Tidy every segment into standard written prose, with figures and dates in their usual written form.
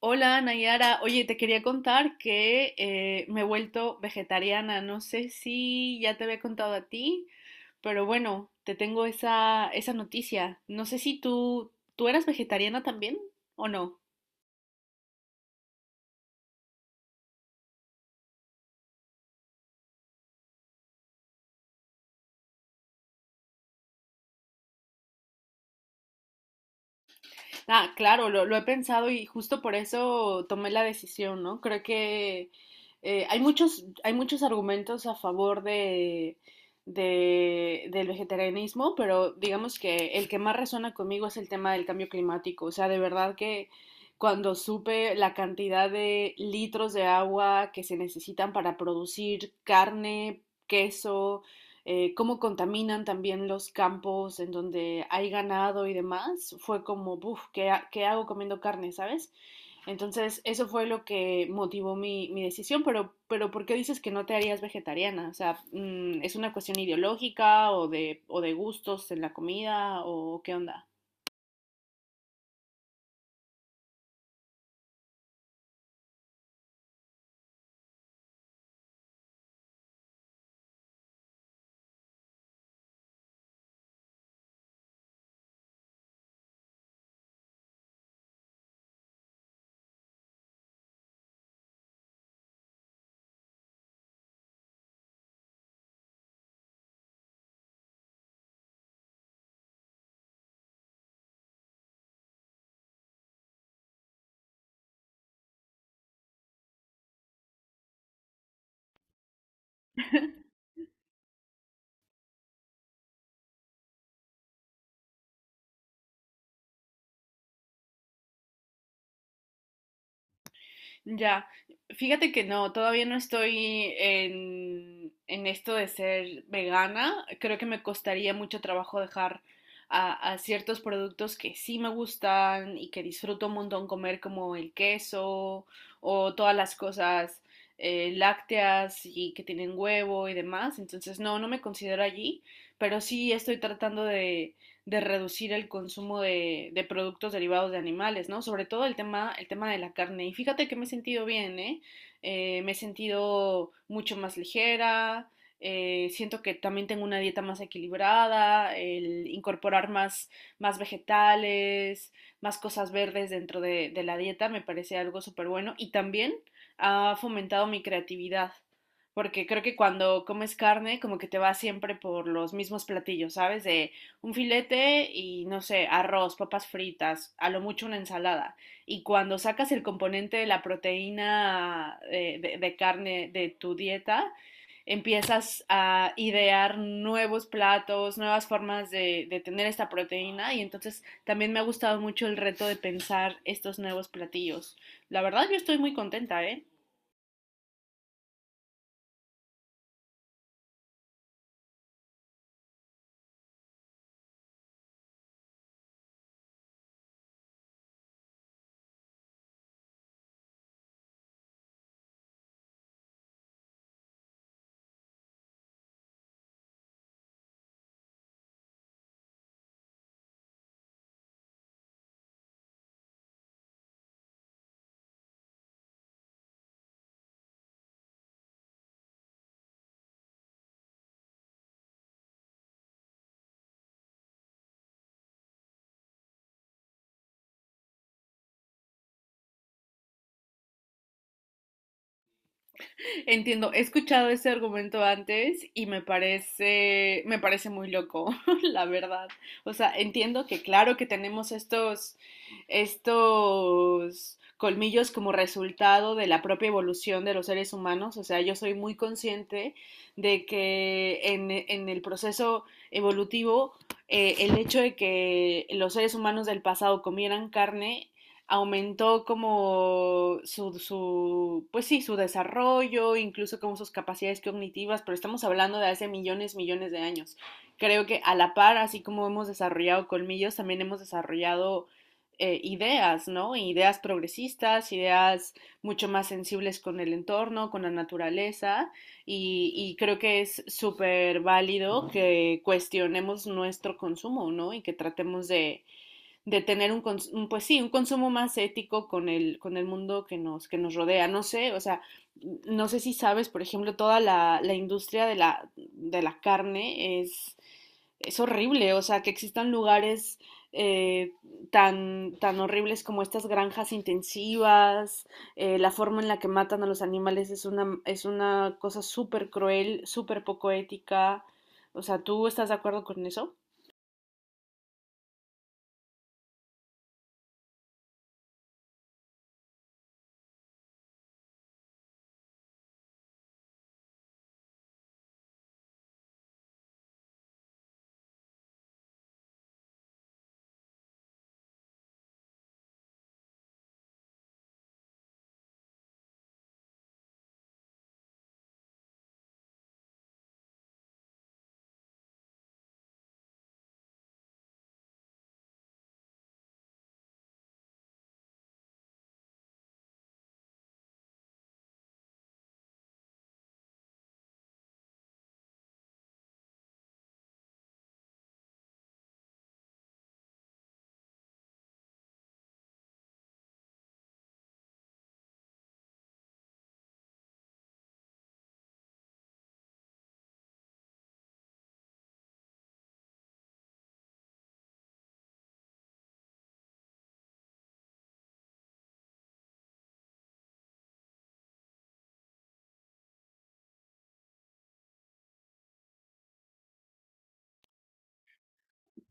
Hola Nayara, oye, te quería contar que me he vuelto vegetariana. No sé si ya te había contado a ti, pero bueno, te tengo esa noticia. No sé si tú, ¿tú eras vegetariana también o no? Ah, claro, lo he pensado y justo por eso tomé la decisión, ¿no? Creo que hay muchos argumentos a favor del vegetarianismo, pero digamos que el que más resuena conmigo es el tema del cambio climático. O sea, de verdad que cuando supe la cantidad de litros de agua que se necesitan para producir carne, queso, cómo contaminan también los campos en donde hay ganado y demás, fue como, uff, ¿ qué hago comiendo carne, ¿sabes? Entonces, eso fue lo que motivó mi decisión, pero ¿por qué dices que no te harías vegetariana? O sea, ¿es una cuestión ideológica o de gustos en la comida o qué onda? Ya, fíjate que no, todavía no estoy en esto de ser vegana. Creo que me costaría mucho trabajo dejar a ciertos productos que sí me gustan y que disfruto un montón comer, como el queso o todas las cosas lácteas y que tienen huevo y demás. Entonces, no, no me considero allí, pero sí estoy tratando de reducir el consumo de productos derivados de animales, ¿no? Sobre todo el tema de la carne. Y fíjate que me he sentido bien, ¿eh? Me he sentido mucho más ligera, siento que también tengo una dieta más equilibrada, el incorporar más, más vegetales, más cosas verdes dentro de la dieta me parece algo súper bueno y también ha fomentado mi creatividad. Porque creo que cuando comes carne, como que te vas siempre por los mismos platillos, ¿sabes? De un filete y no sé, arroz, papas fritas, a lo mucho una ensalada. Y cuando sacas el componente de la proteína de carne de tu dieta, empiezas a idear nuevos platos, nuevas formas de tener esta proteína. Y entonces también me ha gustado mucho el reto de pensar estos nuevos platillos. La verdad, yo estoy muy contenta, ¿eh? Entiendo, he escuchado ese argumento antes y me parece muy loco, la verdad. O sea, entiendo que claro que tenemos estos colmillos como resultado de la propia evolución de los seres humanos. O sea, yo soy muy consciente de que en el proceso evolutivo, el hecho de que los seres humanos del pasado comieran carne aumentó como pues sí, su desarrollo, incluso como sus capacidades cognitivas, pero estamos hablando de hace millones, millones de años. Creo que a la par, así como hemos desarrollado colmillos, también hemos desarrollado ideas, ¿no? Ideas progresistas, ideas mucho más sensibles con el entorno, con la naturaleza, y creo que es súper válido que cuestionemos nuestro consumo, ¿no? Y que tratemos de tener pues sí, un consumo más ético con el mundo que nos rodea. No sé, o sea, no sé si sabes, por ejemplo, toda la industria de de la carne es horrible, o sea, que existan lugares eh, tan, tan horribles como estas granjas intensivas, la forma en la que matan a los animales es una cosa súper cruel, súper poco ética. O sea, ¿tú estás de acuerdo con eso?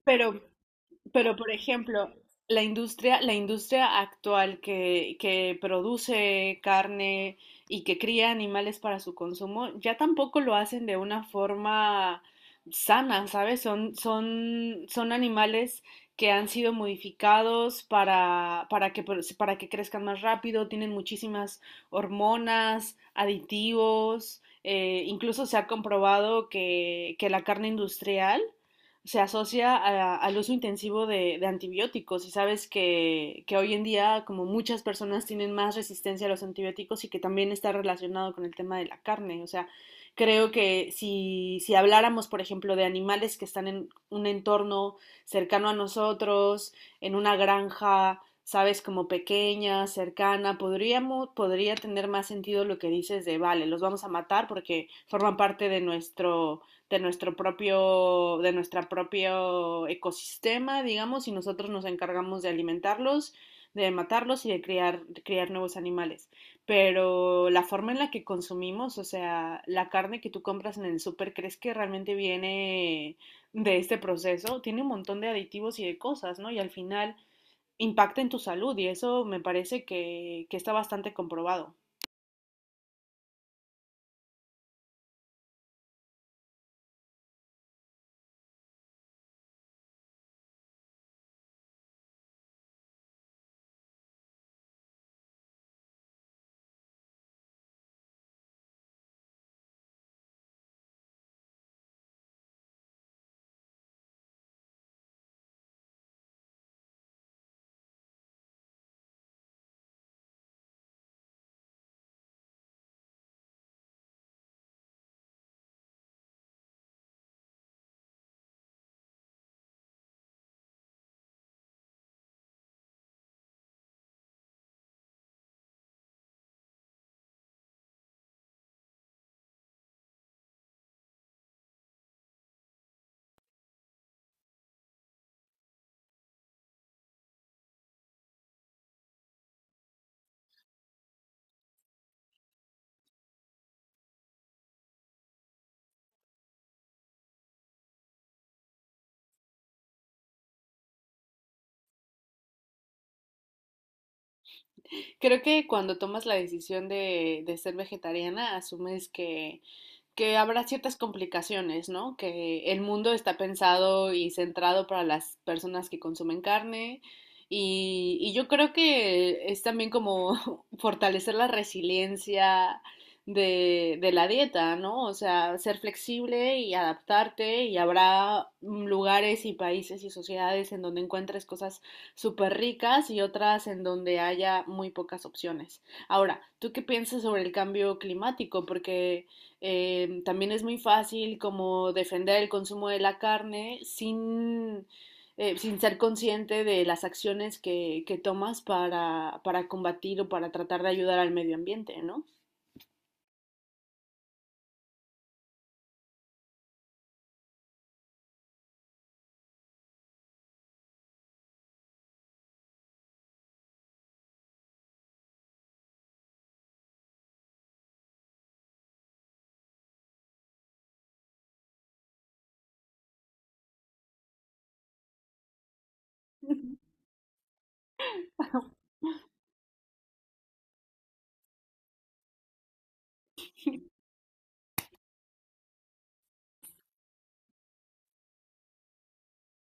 Pero por ejemplo, la industria actual que produce carne y que cría animales para su consumo, ya tampoco lo hacen de una forma sana, ¿sabes? Son, son, son animales que han sido modificados para que crezcan más rápido, tienen muchísimas hormonas, aditivos, incluso se ha comprobado que la carne industrial se asocia al uso intensivo de antibióticos y sabes que hoy en día como muchas personas tienen más resistencia a los antibióticos y que también está relacionado con el tema de la carne. O sea, creo que si, si habláramos, por ejemplo, de animales que están en un entorno cercano a nosotros, en una granja, sabes, como pequeña, cercana, podría tener más sentido lo que dices de, vale, los vamos a matar porque forman parte de nuestro de nuestro propio ecosistema, digamos, y nosotros nos encargamos de alimentarlos, de matarlos y de criar, criar nuevos animales. Pero la forma en la que consumimos, o sea, la carne que tú compras en el súper, ¿crees que realmente viene de este proceso? Tiene un montón de aditivos y de cosas, ¿no? Y al final impacta en tu salud y eso me parece que está bastante comprobado. Creo que cuando tomas la decisión de ser vegetariana asumes que habrá ciertas complicaciones, ¿no? Que el mundo está pensado y centrado para las personas que consumen carne y yo creo que es también como fortalecer la resiliencia de la dieta, ¿no? O sea, ser flexible y adaptarte y habrá lugares y países y sociedades en donde encuentres cosas súper ricas y otras en donde haya muy pocas opciones. Ahora, ¿tú qué piensas sobre el cambio climático? Porque también es muy fácil como defender el consumo de la carne sin, sin ser consciente de las acciones que tomas para combatir o para tratar de ayudar al medio ambiente, ¿no?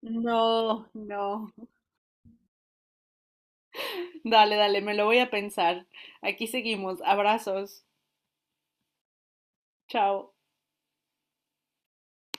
No, no. Dale, dale, me lo voy a pensar. Aquí seguimos. Abrazos. Chao.